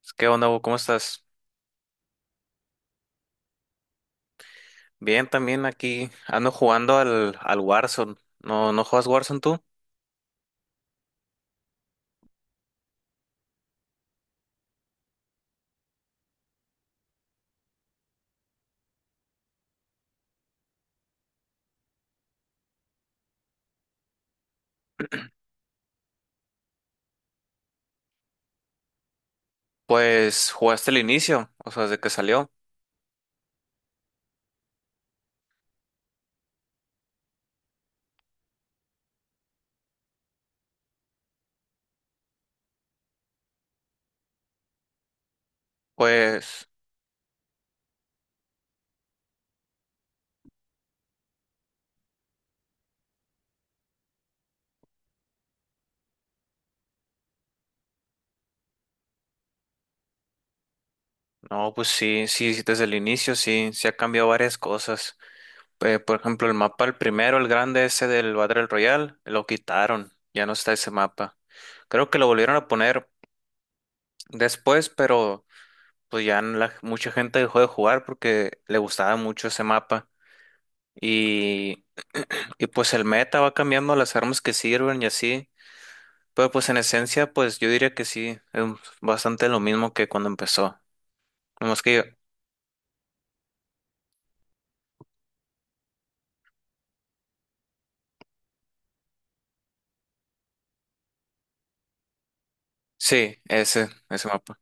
Pues, ¿qué onda, Hugo? ¿Cómo estás? Bien, también aquí ando jugando al Warzone. ¿No juegas Warzone tú? Pues jugaste el inicio, o sea, desde que salió. Pues, no, pues sí, desde el inicio sí, sí ha cambiado varias cosas. Por ejemplo, el mapa, el primero, el grande ese del Battle Royale, lo quitaron, ya no está ese mapa. Creo que lo volvieron a poner después, pero pues ya mucha gente dejó de jugar porque le gustaba mucho ese mapa. y Y pues el meta va cambiando las armas que sirven y así. Pero pues en esencia, pues yo diría que sí, es bastante lo mismo que cuando empezó. Nomás que yo, sí, ese mapa.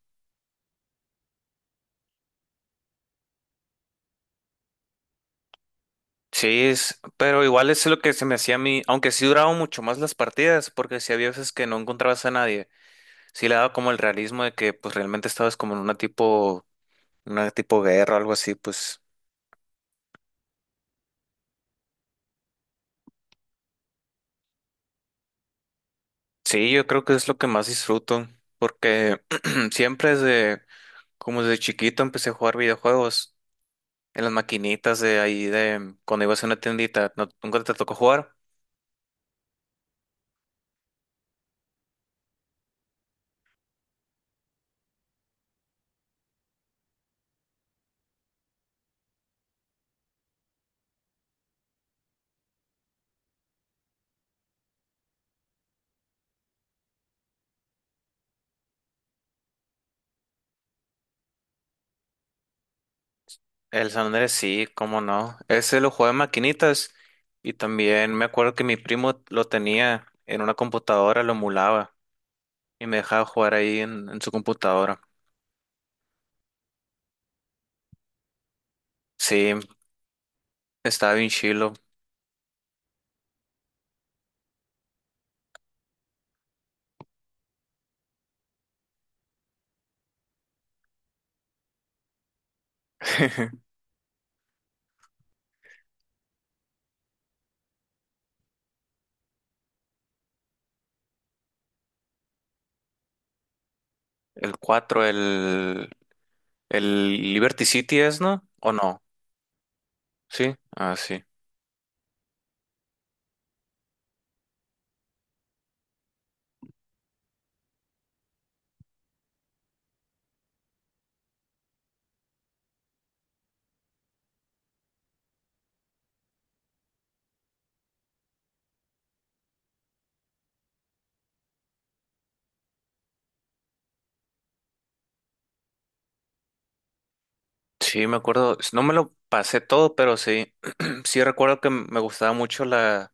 Sí, es, pero igual es lo que se me hacía a mí, aunque sí duraban mucho más las partidas, porque si había veces que no encontrabas a nadie, sí le daba como el realismo de que pues realmente estabas como en una tipo guerra o algo así, pues sí, yo creo que es lo que más disfruto, porque siempre desde, como desde chiquito empecé a jugar videojuegos. En las maquinitas de ahí de cuando ibas a una tiendita, ¿nunca te tocó jugar? El San Andrés sí, cómo no. Ese lo jugaba en maquinitas y también me acuerdo que mi primo lo tenía en una computadora, lo emulaba y me dejaba jugar ahí en su computadora. Sí, estaba bien chilo. El 4 el Liberty City es, ¿no? ¿O no? Sí, ah, sí. Sí, me acuerdo. No me lo pasé todo, pero sí. Sí recuerdo que me gustaba mucho la.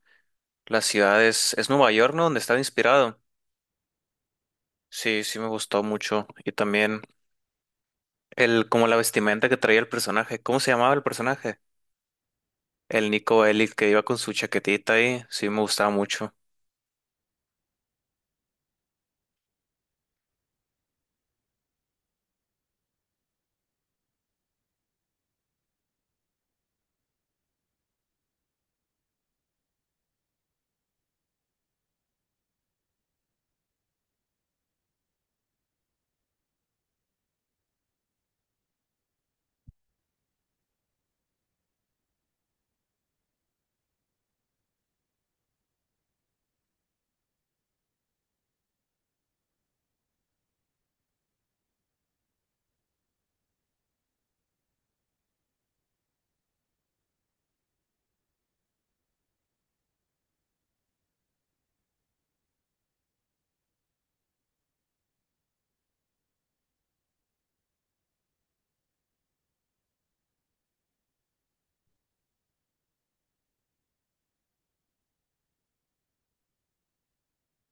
La ciudad es Nueva York, ¿no? Donde estaba inspirado. Sí, sí me gustó mucho. Y también el, como la vestimenta que traía el personaje. ¿Cómo se llamaba el personaje? El Nico Bellic que iba con su chaquetita ahí. Sí me gustaba mucho.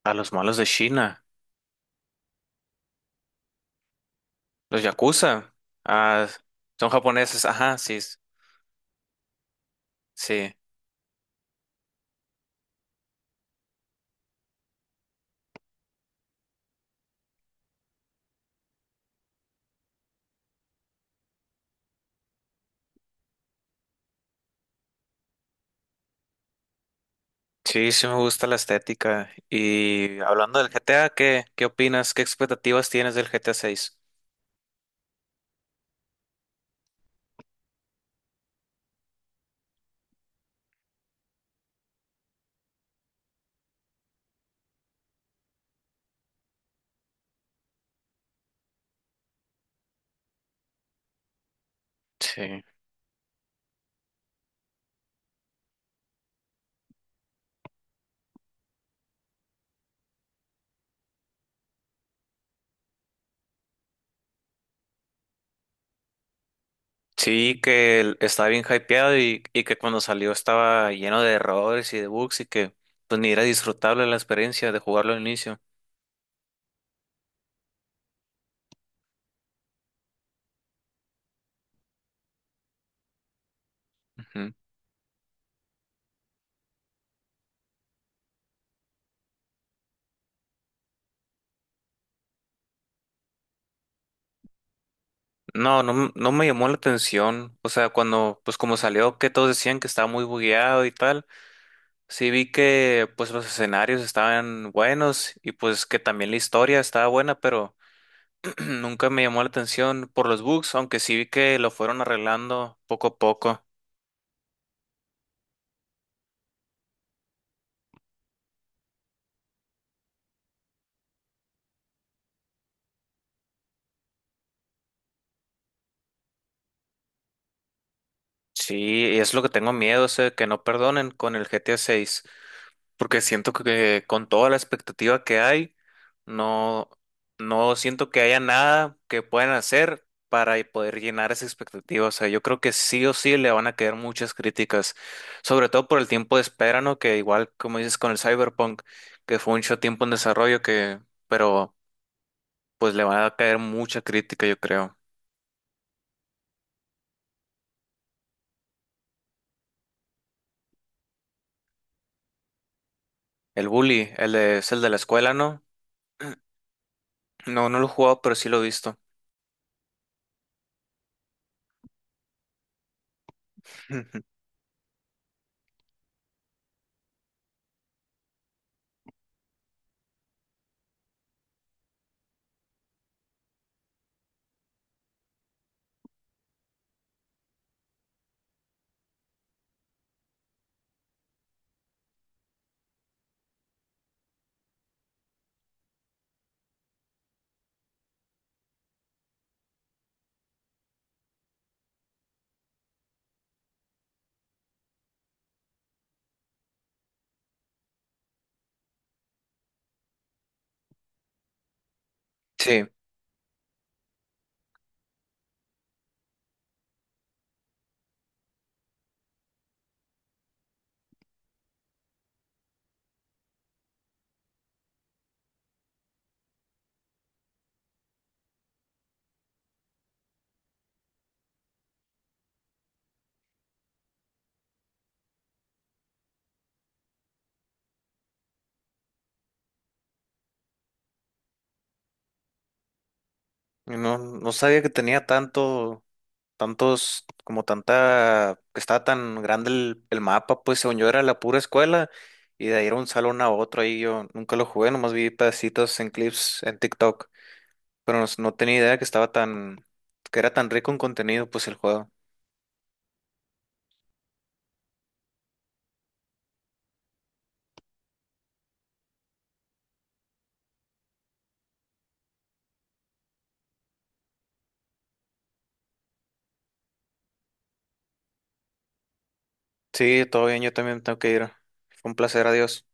A los malos de China. Los Yakuza. Ah, son japoneses. Ajá, sí. Sí. Sí, sí me gusta la estética. Y hablando del GTA, ¿qué opinas? ¿Qué expectativas tienes del GTA 6? Sí. Sí, que estaba bien hypeado y que cuando salió estaba lleno de errores y de bugs y que pues ni era disfrutable la experiencia de jugarlo al inicio. Ujú. No, no, no me llamó la atención. O sea, cuando pues como salió que todos decían que estaba muy bugueado y tal, sí vi que pues los escenarios estaban buenos y pues que también la historia estaba buena, pero nunca me llamó la atención por los bugs, aunque sí vi que lo fueron arreglando poco a poco. Sí, es lo que tengo miedo, o sea, que no perdonen con el GTA 6, porque siento que con toda la expectativa que hay, no, no siento que haya nada que puedan hacer para poder llenar esa expectativa. O sea, yo creo que sí o sí le van a quedar muchas críticas, sobre todo por el tiempo de espera, ¿no? Que igual, como dices, con el Cyberpunk, que fue mucho tiempo en desarrollo, que, pero pues le van a caer mucha crítica, yo creo. El bully, es el de la escuela, ¿no? No, no lo he jugado, pero sí lo he visto. Sí, no, no sabía que tenía tanto, tantos, como tanta, que estaba tan grande el mapa, pues según yo era la pura escuela y de ahí era un salón a otro, ahí yo nunca lo jugué, nomás vi pedacitos en clips en TikTok, pero no, no tenía idea que estaba tan, que era tan rico en contenido, pues el juego. Sí, todo bien, yo también tengo que ir. Fue un placer, adiós.